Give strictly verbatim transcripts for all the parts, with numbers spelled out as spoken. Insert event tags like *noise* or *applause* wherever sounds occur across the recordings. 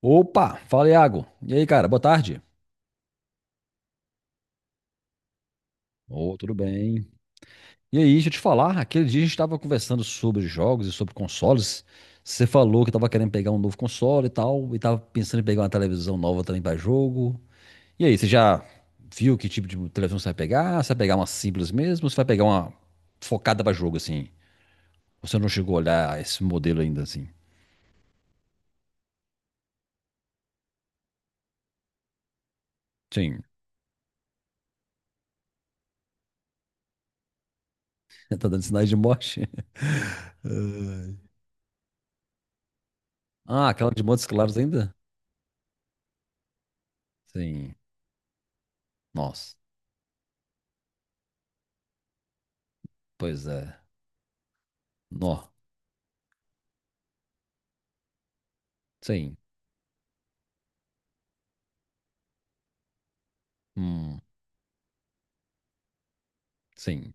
Opa, fala Iago. E aí, cara, boa tarde. Ô, tudo bem? E aí, deixa eu te falar, aquele dia a gente estava conversando sobre jogos e sobre consoles. Você falou que estava querendo pegar um novo console e tal, e estava pensando em pegar uma televisão nova também para jogo. E aí, você já viu que tipo de televisão você vai pegar? Você vai pegar uma simples mesmo ou você vai pegar uma focada para jogo assim? Você não chegou a olhar esse modelo ainda assim? Sim. *laughs* Tá dando sinais de morte? *laughs* Ah, aquela de Montes Claros ainda? Sim. Nossa, pois é. Nó. Sim. Hum, sim.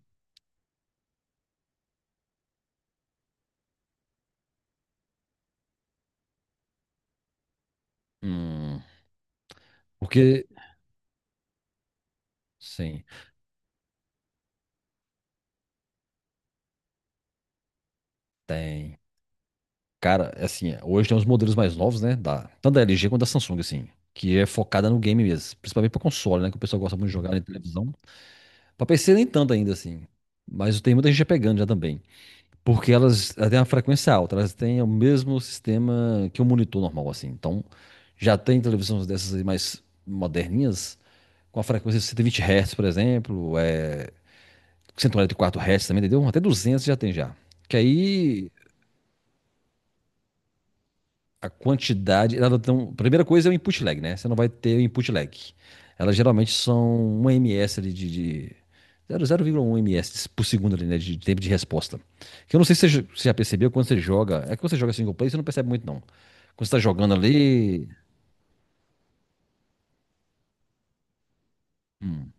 Hum. Porque, sim, tem. Cara, é assim, é, hoje tem uns modelos mais novos, né? Da, tanto da L G quanto da Samsung, assim. Que é focada no game mesmo. Principalmente pra console, né? Que o pessoal gosta muito de jogar em televisão. Pra P C nem tanto ainda, assim. Mas tem muita gente já pegando já também. Porque elas, elas têm uma frequência alta. Elas têm o mesmo sistema que um monitor normal, assim. Então, já tem televisões dessas aí mais moderninhas. Com a frequência de cento e vinte Hz, por exemplo. É cento e quarenta e quatro hertz também, entendeu? Até duzentos já tem já. Que aí a quantidade. Ela tem, primeira coisa é o input lag, né? Você não vai ter o input lag. Elas geralmente são um ms ali de, de zero vírgula um ms por segundo ali, né? De tempo de resposta. Que eu não sei se você você já percebeu quando você joga. É que quando você joga single player, você não percebe muito, não. Quando você tá jogando ali. hum,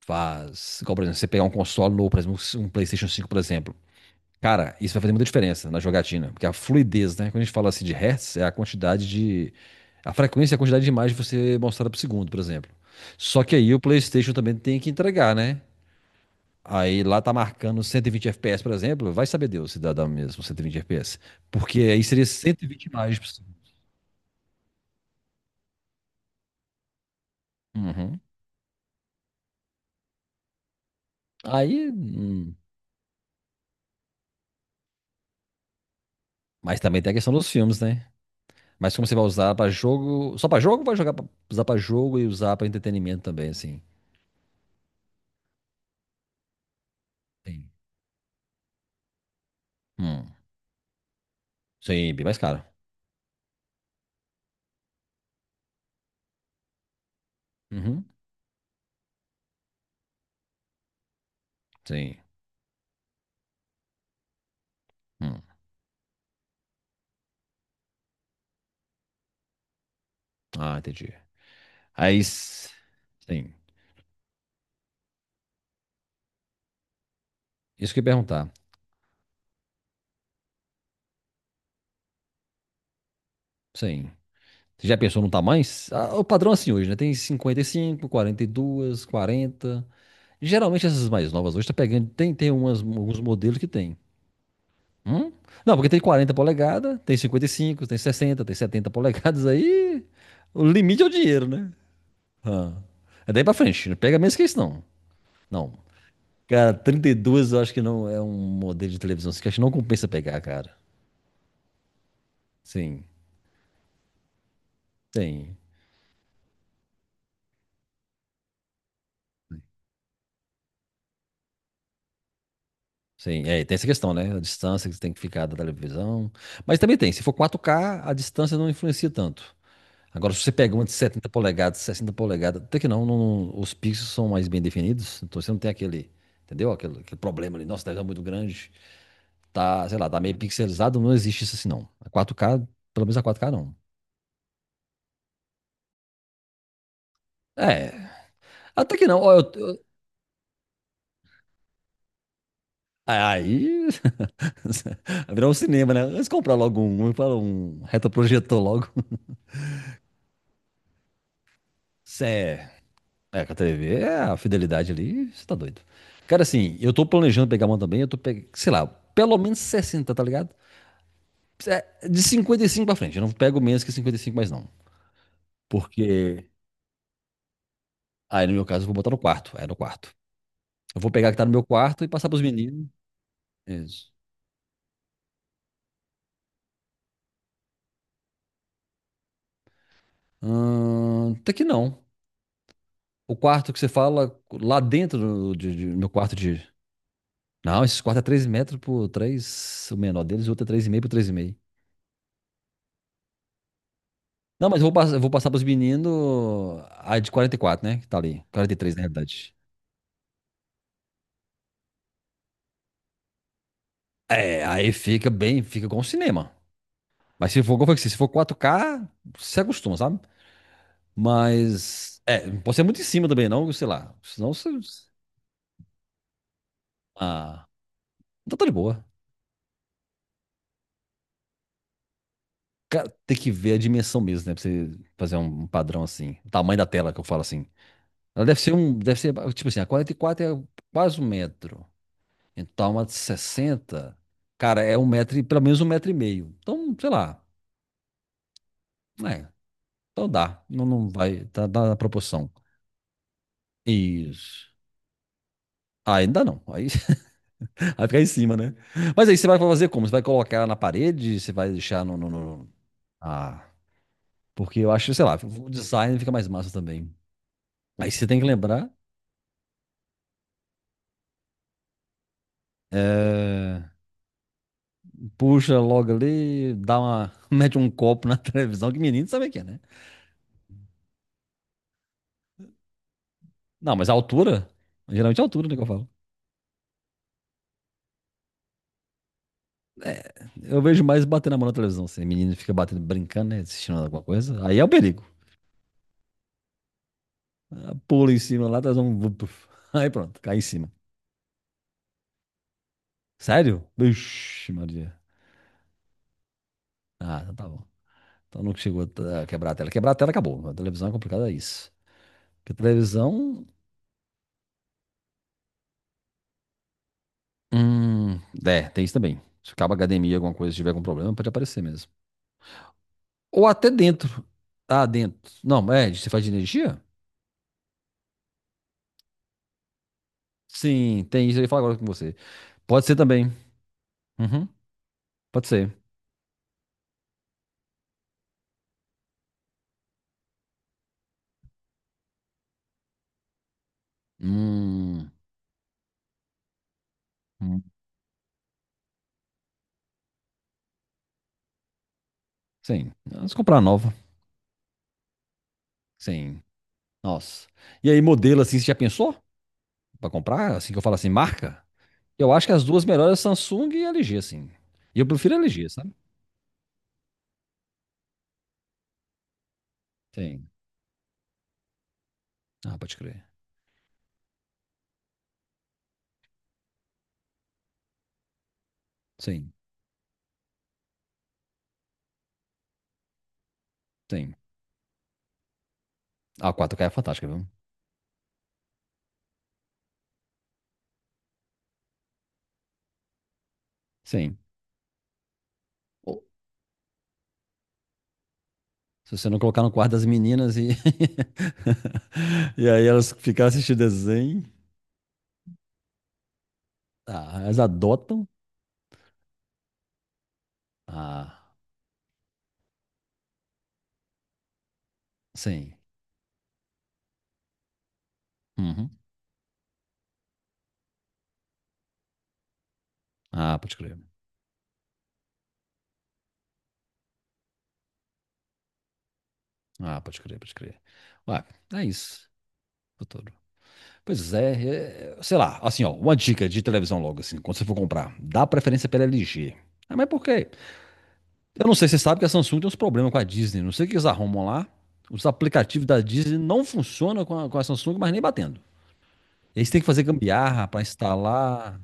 Faz. Igual, por exemplo, você pegar um console novo, por exemplo, um PlayStation cinco por exemplo. Cara, isso vai fazer muita diferença na jogatina, porque a fluidez, né? Quando a gente fala assim de hertz, é a quantidade de. A frequência e a quantidade de imagem que você mostrada por segundo, por exemplo. Só que aí o PlayStation também tem que entregar, né? Aí lá tá marcando cento e vinte F P S, por exemplo, vai saber Deus se dá, dá mesmo cento e vinte F P S. Porque aí seria cento e vinte imagens por segundo. Uhum. Aí. hum, Mas também tem a questão dos filmes, né? Mas como você vai usar pra jogo. Só pra jogo ou vai jogar pra... usar pra jogo e usar pra entretenimento também, assim? Sim. Hum. Sim, bem mais caro. Uhum, sim. Hum. Ah, entendi. Aí, s- sim. Isso que eu ia perguntar. Sim. Você já pensou no tamanho? Ah, o padrão é assim hoje, né? Tem cinquenta e cinco quarenta e quarenta e dois, quarenta. Geralmente essas mais novas hoje tá pegando. Tem, tem umas, alguns modelos que tem. Hum? Não, porque tem quarenta polegadas, tem cinquenta e cinco tem sessenta tem setenta polegadas. Aí o limite é o dinheiro, né? Ah. É daí pra frente. Não pega menos que isso, não. Não. Cara, trinta e dois eu acho que não é um modelo de televisão assim, que acho que não compensa pegar, cara. Sim, tem sim. É, tem essa questão, né? A distância que você tem que ficar da televisão. Mas também tem, se for quatro K, a distância não influencia tanto. Agora, se você pega uma de setenta polegadas, sessenta polegadas, até que não, não- os pixels são mais bem definidos, então você não tem aquele, entendeu? Aquele, aquele problema ali, nossa, a televisão é muito grande, tá, sei lá, tá meio pixelizado, não existe isso assim, não. A quatro K, pelo menos a quatro K não. É, até que não, ó, eu- eu- aí *laughs* virou um cinema, né? Antes de comprar logo um, eu falo um retroprojetor logo. *laughs* Cê, É, com a T V, é a fidelidade ali, você tá doido. Cara, assim, eu tô planejando pegar uma também, eu tô pegando, sei lá, pelo menos sessenta, tá ligado? É, de cinquenta e cinco pra frente, eu não pego menos que cinquenta e cinco, mais não. Porque, aí no meu caso eu vou botar no quarto, é no quarto. Eu vou pegar a que tá no meu quarto e passar pros meninos. Isso. Hum, até que não. O quarto que você fala, lá dentro do de- de- meu quarto de... Não, esses quartos é três metros por três. O menor deles, o outro é três e meio por três e meio. Não, mas eu vou, pass- eu vou passar pros meninos a de quarenta e quatro, né? Que tá ali. Quarenta e três na realidade. É, aí fica bem, fica com o cinema. Mas se for, como eu falei, se for quatro K, você acostuma, sabe? Mas, é, não pode ser muito em cima também, não, sei lá. Senão você. Ah, então tá de boa. Cara, tem que ver a dimensão mesmo, né? Pra você fazer um um padrão assim. O tamanho da tela que eu falo assim. Ela deve ser um. Deve ser, tipo assim, a quarenta e quatro é quase um metro. Então, uma de sessenta, cara, é um metro, e- pelo menos um metro e meio. Então, sei lá, né? Então dá, não, não vai, tá, dá na proporção. Isso. Ah, ainda não, aí *laughs* vai ficar em cima, né? Mas aí você vai fazer como? Você vai colocar na parede? Você vai deixar no, no, no- Ah, porque eu acho, sei lá, o design fica mais massa também. Aí você tem que lembrar, é, puxa logo ali, dá uma, *laughs* mete um copo na televisão, que menino sabe o que é, né? Não, mas a altura, geralmente é a altura, né, que eu falo. Eu vejo mais batendo a mão na televisão. Assim. Menino fica batendo, brincando, né? Assistindo alguma coisa. Aí é o perigo. Pula em cima lá, traz um. Puf. *laughs* Aí pronto, cai em cima. Sério? Vixe, Maria. Ah, então tá bom. Então não chegou a t- a quebrar a tela. Quebrar a tela acabou. A televisão é complicada, é isso. Porque a televisão. Hum, É, tem isso também. Se acaba a academia, alguma coisa, se tiver algum problema, pode aparecer mesmo. Ou até dentro. Ah, dentro. Não, é, você faz de energia? Sim, tem isso. Eu ia falar agora com você. Pode ser também. Uhum, pode ser. Hum, hum. Sim. Vamos comprar nova. Sim. Nossa. E aí, modelo assim, você já pensou? Pra comprar? Assim que eu falo assim, marca? Eu acho que as duas melhores é Samsung e L G, sim. E eu prefiro L G, sabe? Sim. Ah, pode crer. Sim, sim. Ah, quatro k é fantástica, viu? Sim. Ou- Se você não colocar no quarto das meninas e, *laughs* e aí elas ficarem assistindo desenho. Ah, elas adotam. Ah, sim. Uhum. Ah, pode crer. Ah, pode crer, pode crer. Ué, é isso. Futuro. Pois é, é, é, sei lá, assim, ó, uma dica de televisão logo, assim, quando você for comprar, dá preferência pela L G. Ah, mas por quê? Eu não sei, você sabe que a Samsung tem uns problemas com a Disney, não sei o que eles arrumam lá. Os aplicativos da Disney não funcionam com a, com a Samsung, mas nem batendo. Eles têm que fazer gambiarra para instalar.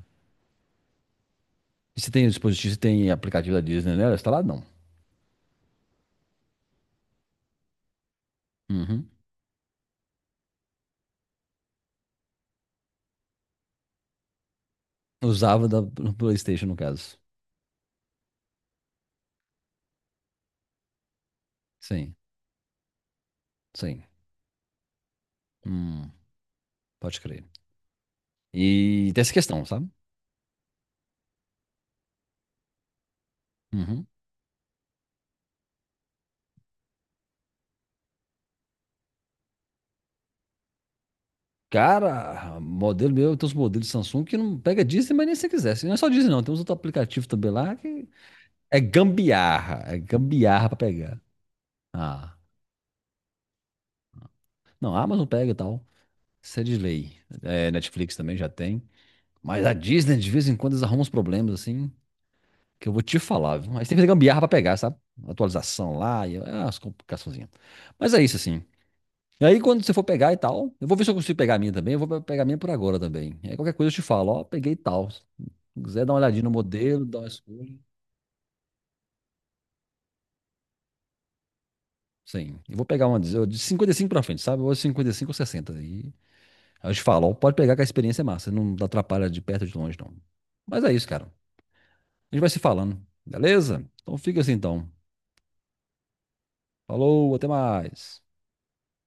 E você tem dispositivo, você tem aplicativo da Disney, né? Instalado não. Uhum. Usava da no PlayStation, no caso. Sim, sim. Hum, pode crer. E tem essa questão, sabe? Uhum. Cara, modelo meu, tem os modelos Samsung que não pega Disney, mas nem se quisesse. Não é só Disney, não. Tem uns outros aplicativos também lá que é gambiarra. É gambiarra pra pegar. Ah, não, a Amazon pega e tal. Isso é de lei. É, Netflix também já tem. Mas a Disney, de vez em quando, eles arrumam uns problemas assim, que eu vou te falar, viu? Aí você tem que fazer gambiarra pra pegar, sabe? Atualização lá e ah, as complicaçõezinhas. Mas é isso, assim. E aí, quando você for pegar e tal, eu vou ver se eu consigo pegar a minha também. Eu vou pe- pegar a minha por agora também. Aí, qualquer coisa eu te falo, ó, peguei tal. Se quiser dar uma olhadinha no modelo, dar uma escolha. Sim, eu vou pegar uma de eu- de cinquenta e cinco pra frente, sabe? Ou cinquenta e cinco ou sessenta. E aí eu te falo, ó, pode pegar que a experiência é massa. Não atrapalha de perto ou de longe, não. Mas é isso, cara. A gente vai se falando, beleza? Então fica assim, então. Falou, até mais.